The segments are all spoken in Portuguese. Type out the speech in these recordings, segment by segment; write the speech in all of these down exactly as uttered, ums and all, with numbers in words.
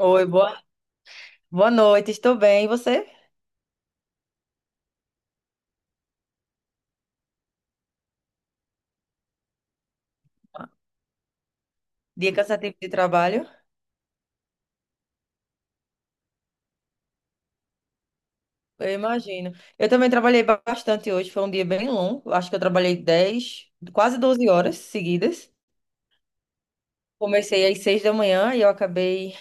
Oi, boa, boa noite, estou bem. E você? Dia cansativo de trabalho? Eu imagino. Eu também trabalhei ba- bastante hoje, foi um dia bem longo. Acho que eu trabalhei dez, quase doze horas seguidas. Comecei às seis da manhã e eu acabei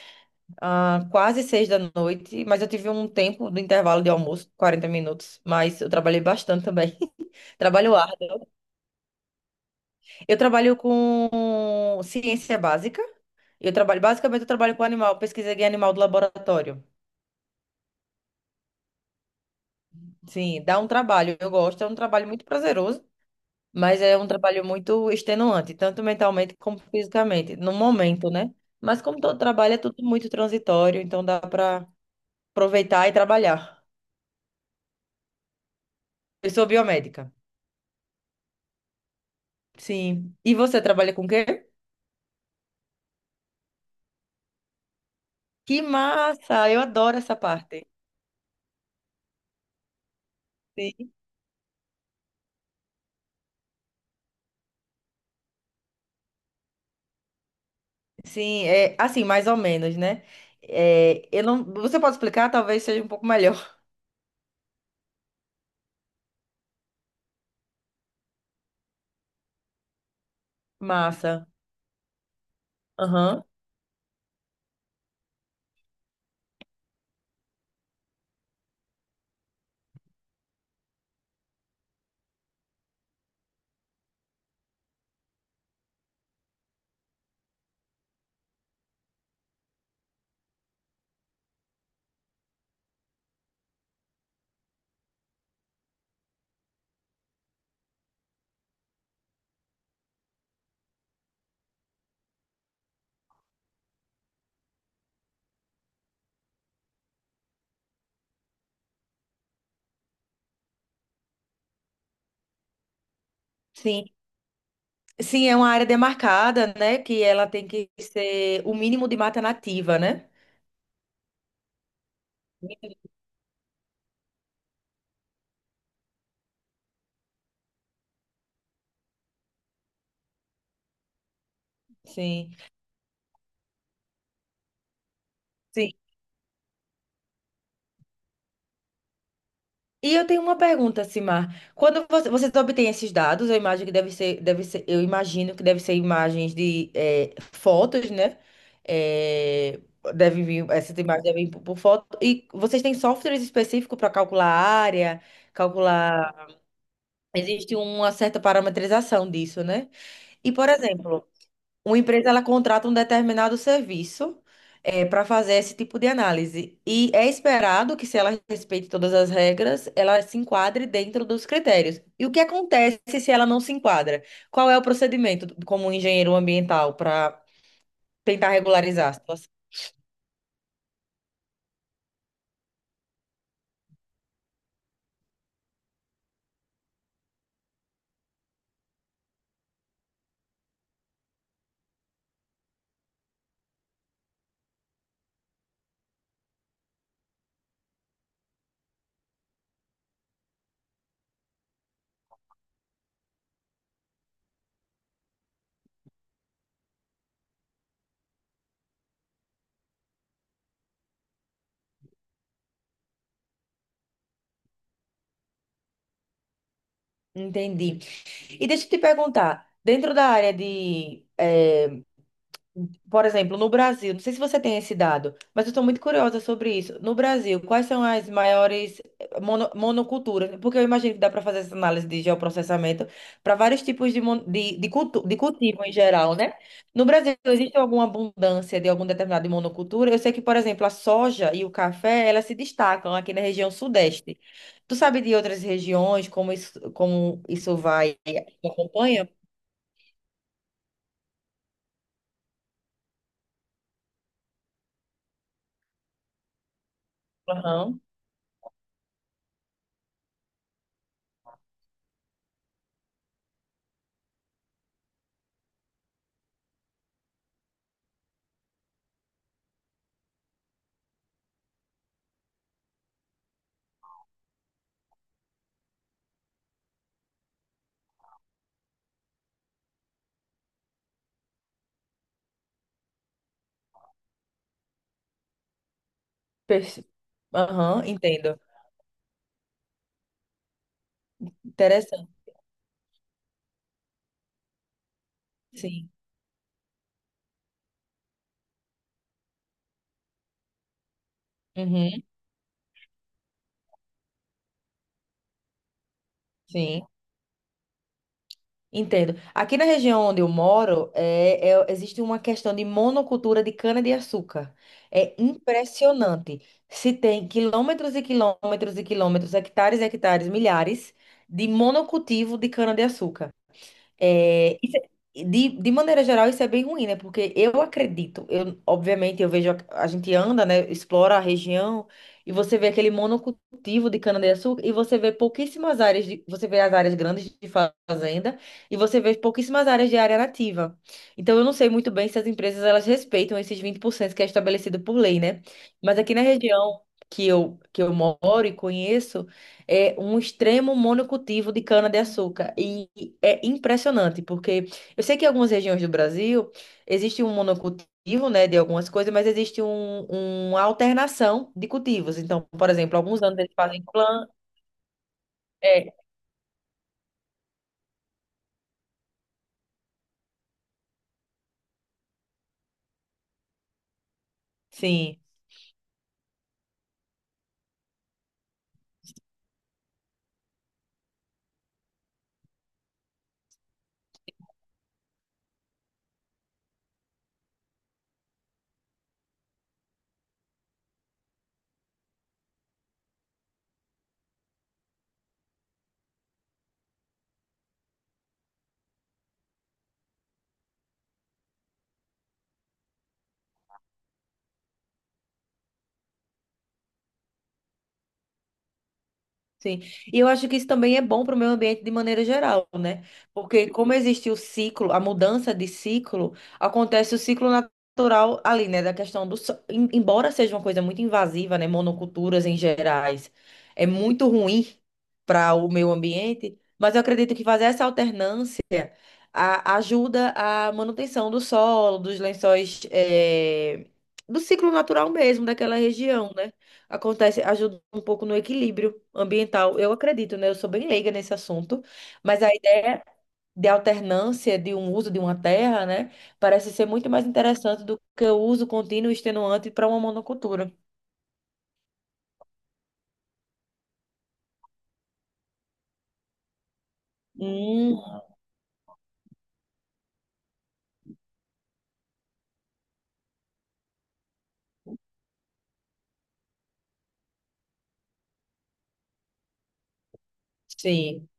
ah, quase seis da noite, mas eu tive um tempo do intervalo de almoço, quarenta minutos, mas eu trabalhei bastante também. Trabalho árduo. Eu trabalho com ciência básica. Eu trabalho, basicamente, eu trabalho com animal, pesquisa de animal do laboratório. Sim, dá um trabalho. Eu gosto, é um trabalho muito prazeroso, mas é um trabalho muito extenuante, tanto mentalmente como fisicamente, no momento, né? Mas como todo trabalho é tudo muito transitório, então dá para aproveitar e trabalhar. Eu sou biomédica. Sim. E você trabalha com o quê? Que massa! Eu adoro essa parte. Sim, sim, é assim, mais ou menos, né? É, eu não, você pode explicar, talvez seja um pouco melhor. Massa. Aham. Sim. Sim, é uma área demarcada, né? Que ela tem que ser o mínimo de mata nativa, né? Sim, sim. E eu tenho uma pergunta, Simar. Quando você, vocês obtêm esses dados, eu imagino que deve ser, deve ser, eu imagino que deve ser imagens de eh, fotos, né? Eh, Deve vir, essas imagens devem vir por, por foto. E vocês têm softwares específicos para calcular a área, calcular. Existe uma certa parametrização disso, né? E, por exemplo, uma empresa ela contrata um determinado serviço para fazer esse tipo de análise. E é esperado que, se ela respeite todas as regras, ela se enquadre dentro dos critérios. E o que acontece se ela não se enquadra? Qual é o procedimento como um engenheiro ambiental para tentar regularizar a situação? Entendi. E deixa eu te perguntar, dentro da área de eh, por exemplo, no Brasil, não sei se você tem esse dado, mas eu estou muito curiosa sobre isso. No Brasil, quais são as maiores eh, mono- monoculturas? Porque eu imagino que dá para fazer essa análise de geoprocessamento para vários tipos de, mon- de, de, cultu- de cultivo em geral, né? No Brasil, existe alguma abundância de algum determinado monocultura? Eu sei que, por exemplo, a soja e o café, elas se destacam aqui na região sudeste. Tu sabe de outras regiões, como isso, como isso vai, acompanha? Aham. Perce-. Aham, entendo. Interessante, sim. Uhum, sim, entendo. Aqui na região onde eu moro, é, é- existe uma questão de monocultura de cana-de-açúcar. É impressionante. Se tem quilômetros e quilômetros e quilômetros, hectares e hectares, milhares de monocultivo de cana-de-açúcar. É. isso é- de, de maneira geral, isso é bem ruim, né? Porque eu acredito, eu, obviamente, eu vejo, a, a gente anda, né? Explora a região e você vê aquele monocultivo de cana-de-açúcar e você vê pouquíssimas áreas, de, você vê as áreas grandes de fa- fazenda e você vê pouquíssimas áreas de área nativa. Então, eu não sei muito bem se as empresas, elas respeitam esses vinte por cento que é estabelecido por lei, né? Mas aqui na região que eu, que eu moro e conheço, é um extremo monocultivo de cana-de-açúcar. E é impressionante, porque eu sei que em algumas regiões do Brasil existe um monocultivo, né, de algumas coisas, mas existe um, uma alternação de cultivos. Então, por exemplo, alguns anos eles fazem planta. É, sim. Sim. E eu acho que isso também é bom para o meio ambiente de maneira geral, né? Porque como existe o ciclo, a mudança de ciclo, acontece o ciclo natural ali, né? Da questão do solo. Embora seja uma coisa muito invasiva, né? Monoculturas em gerais, é muito ruim para o meio ambiente, mas eu acredito que fazer essa alternância a- ajuda a manutenção do solo, dos lençóis, eh, do ciclo natural mesmo daquela região, né? Acontece, ajuda um pouco no equilíbrio ambiental. Eu acredito, né? Eu sou bem leiga nesse assunto, mas a ideia de alternância de um uso de uma terra, né, parece ser muito mais interessante do que o uso contínuo e extenuante para uma monocultura. Hum, sim,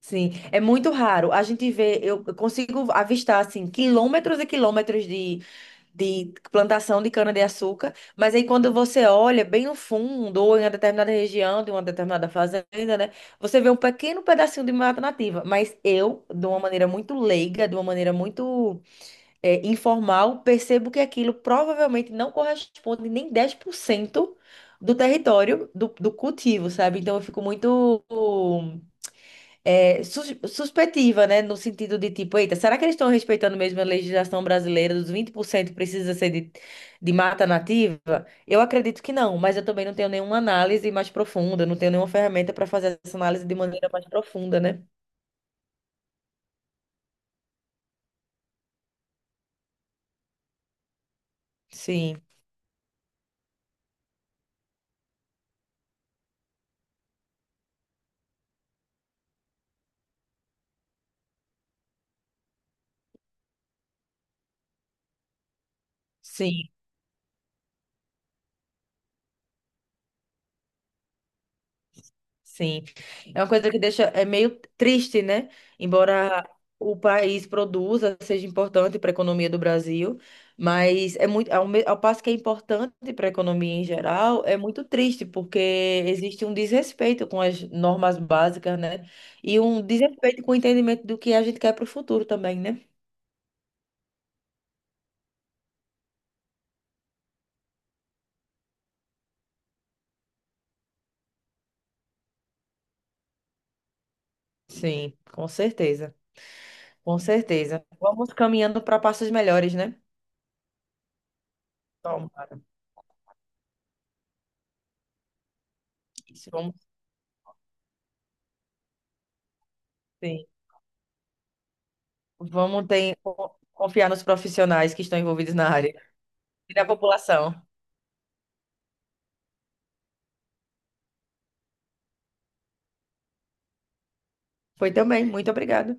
sim. É muito raro. A gente vê, eu eu consigo avistar assim quilômetros e quilômetros de de plantação de cana-de-açúcar, mas aí quando você olha bem no fundo, ou em uma determinada região de uma determinada fazenda, né, você vê um pequeno pedacinho de mata nativa. Mas eu, de uma maneira muito leiga, de uma maneira muito eh, informal, percebo que aquilo provavelmente não corresponde nem dez por cento do território do, do cultivo, sabe? Então eu fico muito é, sus- suspeitiva, né? No sentido de tipo, eita, será que eles estão respeitando mesmo a legislação brasileira dos vinte por cento precisa ser de, de, mata nativa? Eu acredito que não, mas eu também não tenho nenhuma análise mais profunda, não tenho nenhuma ferramenta para fazer essa análise de maneira mais profunda, né? Sim, sim. Sim. É uma coisa que deixa é meio triste, né? Embora o país produza, seja importante para a economia do Brasil, mas é muito ao, me- ao passo que é importante para a economia em geral, é muito triste porque existe um desrespeito com as normas básicas, né? E um desrespeito com o entendimento do que a gente quer para o futuro também, né? Sim, com certeza. Com certeza. Vamos caminhando para passos melhores, né? Tomara. Isso, vamos sim. Vamos ter, confiar nos profissionais que estão envolvidos na área e na população. Foi também, muito obrigada.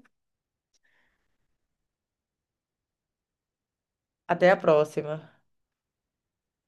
Até a próxima.